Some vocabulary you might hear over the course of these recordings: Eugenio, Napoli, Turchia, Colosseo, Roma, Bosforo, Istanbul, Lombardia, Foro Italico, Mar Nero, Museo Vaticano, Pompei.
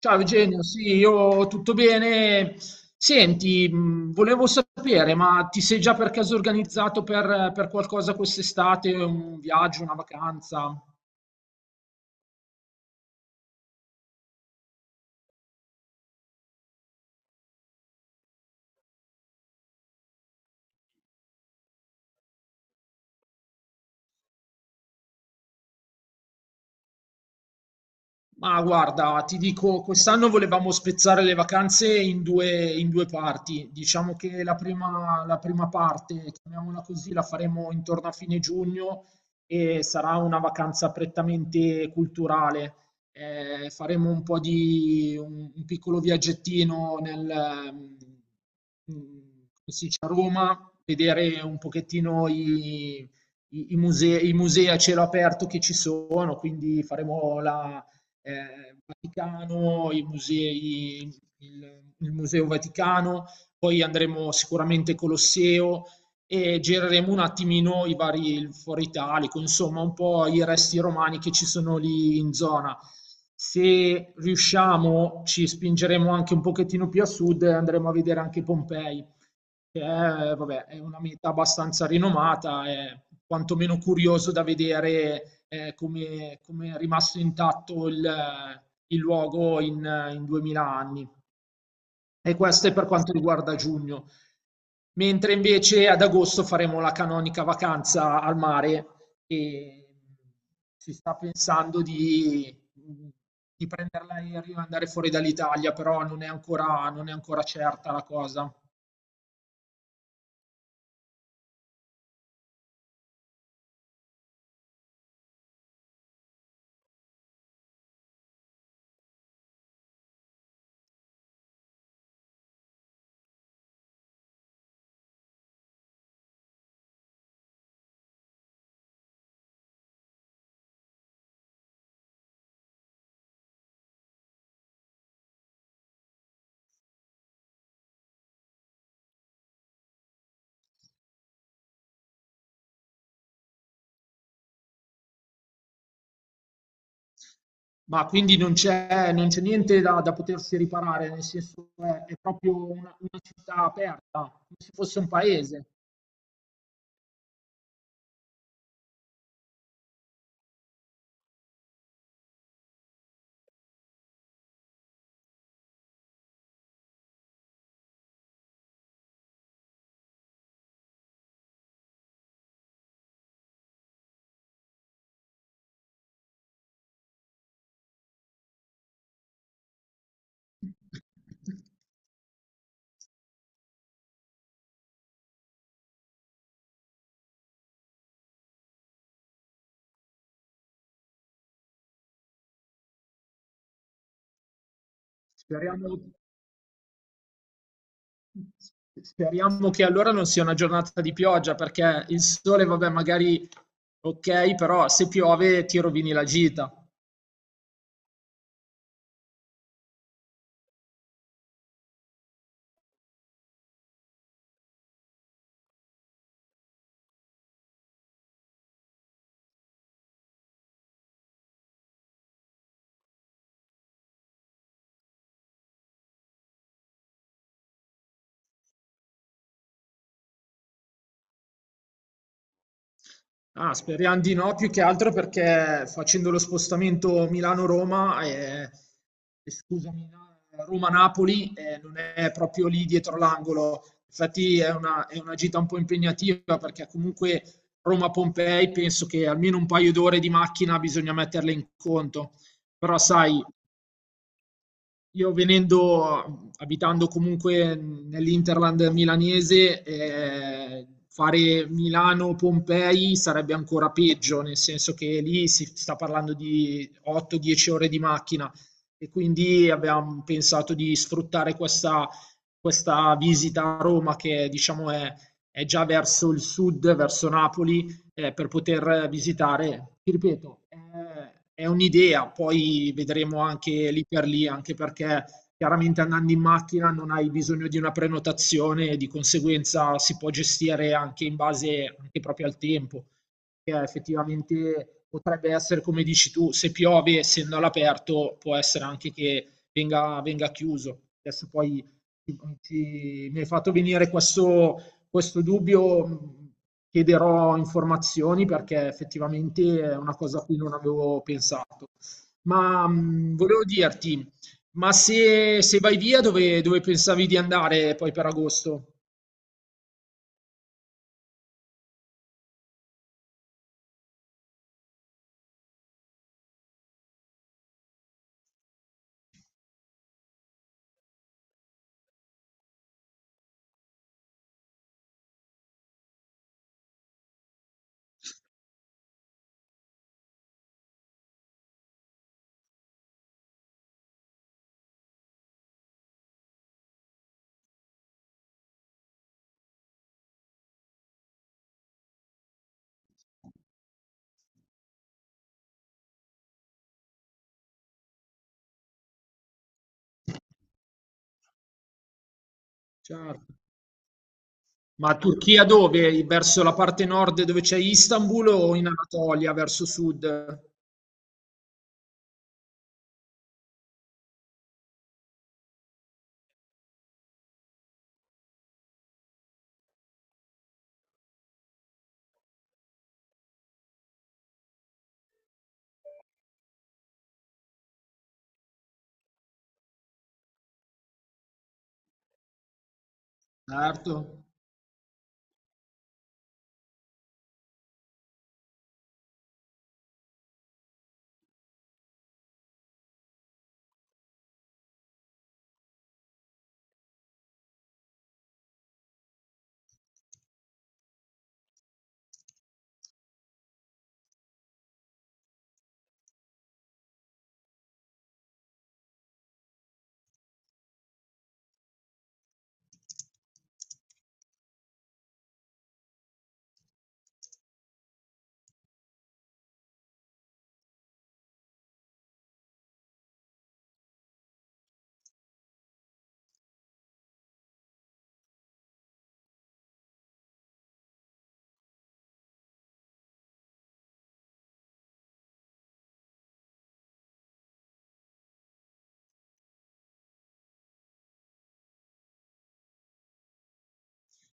Ciao Eugenio, sì, io tutto bene. Senti, volevo sapere, ma ti sei già per caso organizzato per qualcosa quest'estate, un viaggio, una vacanza? Ma guarda, ti dico, quest'anno volevamo spezzare le vacanze in due parti. Diciamo che la prima parte, chiamiamola così, la faremo intorno a fine giugno e sarà una vacanza prettamente culturale. Faremo un po' di un piccolo viaggettino nel, come si dice, a Roma, vedere un pochettino i musei, i musei a cielo aperto che ci sono, quindi faremo la Vaticano, i musei, il Museo Vaticano, poi andremo sicuramente Colosseo e gireremo un attimino i vari il Foro Italico, insomma un po' i resti romani che ci sono lì in zona. Se riusciamo, ci spingeremo anche un pochettino più a sud e andremo a vedere anche Pompei che è, vabbè, è una meta abbastanza rinomata, è quantomeno curioso da vedere come è rimasto intatto il luogo in 2000 anni. E questo è per quanto riguarda giugno. Mentre invece ad agosto faremo la canonica vacanza al mare e si sta pensando di prendere l'aereo e andare fuori dall'Italia, però non è ancora certa la cosa. Ma quindi non c'è niente da potersi riparare, nel senso è proprio una città aperta, come se fosse un paese. Speriamo, speriamo che allora non sia una giornata di pioggia, perché il sole, vabbè, magari ok, però se piove ti rovini la gita. Ah, speriamo di no, più che altro perché facendo lo spostamento Milano-Roma e scusami, no, Roma-Napoli non è proprio lì dietro l'angolo. Infatti è una gita un po' impegnativa perché comunque Roma-Pompei penso che almeno un paio d'ore di macchina bisogna metterle in conto. Però sai, io venendo, abitando comunque nell'Interland milanese, fare Milano-Pompei sarebbe ancora peggio, nel senso che lì si sta parlando di 8-10 ore di macchina e quindi abbiamo pensato di sfruttare questa visita a Roma che diciamo è già verso il sud, verso Napoli per poter visitare. Ti ripeto, è un'idea, poi vedremo anche lì per lì, anche perché chiaramente andando in macchina non hai bisogno di una prenotazione, di conseguenza si può gestire anche in base anche proprio al tempo, che effettivamente potrebbe essere come dici tu, se piove essendo all'aperto può essere anche che venga chiuso. Adesso poi mi hai fatto venire questo dubbio. Chiederò informazioni perché effettivamente è una cosa a cui non avevo pensato. Ma volevo dirti, ma se vai via dove pensavi di andare poi per agosto? Cioè, ma Turchia dove? Verso la parte nord dove c'è Istanbul o in Anatolia, verso sud? Certo.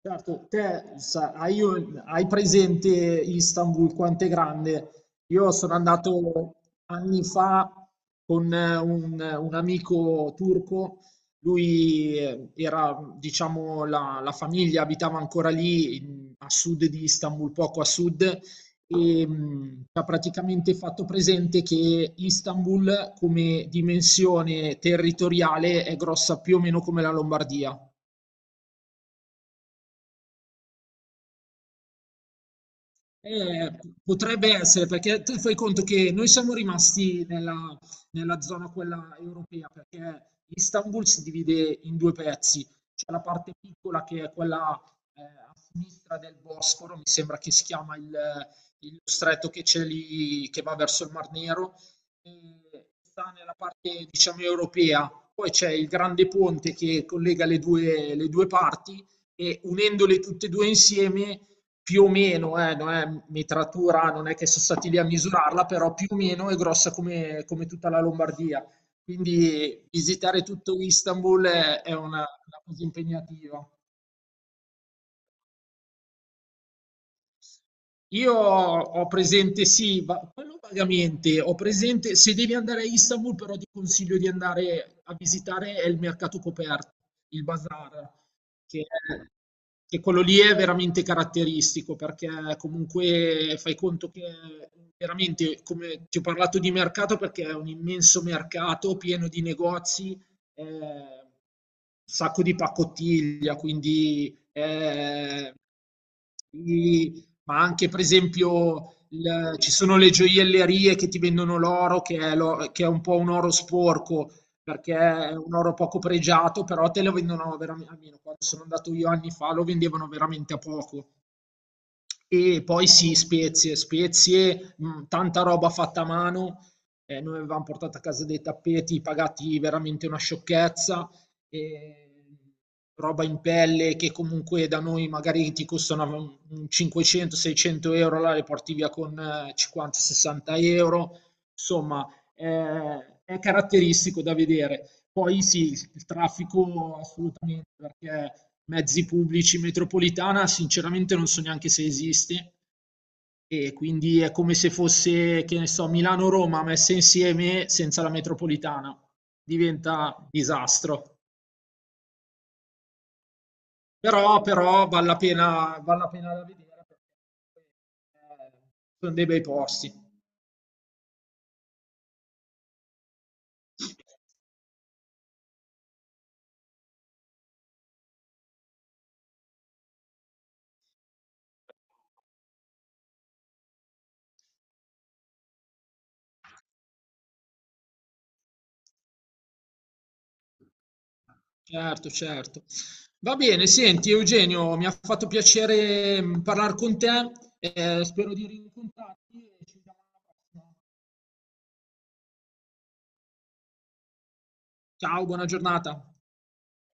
Certo, te sa- hai, un- hai presente Istanbul quanto è grande? Io sono andato anni fa con un amico turco, lui era, diciamo, la famiglia abitava ancora lì a sud di Istanbul, poco a sud, e ci ha praticamente fatto presente che Istanbul come dimensione territoriale è grossa più o meno come la Lombardia. Eh, potrebbe essere, perché tu fai conto che noi siamo rimasti nella zona quella europea, perché Istanbul si divide in due pezzi. C'è la parte piccola che è quella a sinistra del Bosforo, mi sembra che si chiama il stretto che c'è lì, che va verso il Mar Nero, e sta nella parte, diciamo, europea. Poi c'è il grande ponte che collega le due parti e unendole tutte e due insieme più o meno, non è metratura, non è che sono stati lì a misurarla, però più o meno è grossa come tutta la Lombardia. Quindi visitare tutto Istanbul è una cosa impegnativa. Io ho presente sì, va quello vagamente, ho presente se devi andare a Istanbul però ti consiglio di andare a visitare il mercato coperto, il bazar, che è che quello lì è veramente caratteristico perché comunque fai conto che veramente, come ti ho parlato di mercato perché è un immenso mercato pieno di negozi, ehm, sacco di pacottiglia, quindi, ma anche per esempio ci sono le gioiellerie che ti vendono l'oro, che è, che è un po' un oro sporco, perché è un oro poco pregiato, però te lo vendono veramente, almeno quando sono andato io anni fa, lo vendevano veramente a poco. E poi sì, spezie, spezie, tanta roba fatta a mano. Noi avevamo portato a casa dei tappeti pagati veramente una sciocchezza, e roba in pelle che comunque da noi magari ti costano 500-600 euro, là le porti via con 50-60 euro. Insomma, è caratteristico da vedere. Poi sì, il traffico assolutamente, perché mezzi pubblici in metropolitana sinceramente non so neanche se esiste e quindi è come se fosse, che ne so, Milano-Roma messe insieme senza la metropolitana. Diventa disastro. Però vale la pena da vedere perché eh, sono dei bei posti. Certo, certo. Va bene, senti Eugenio, mi ha fatto piacere parlare con te, spero di rincontrarti e ci vediamo alla prossima. Ciao, buona giornata.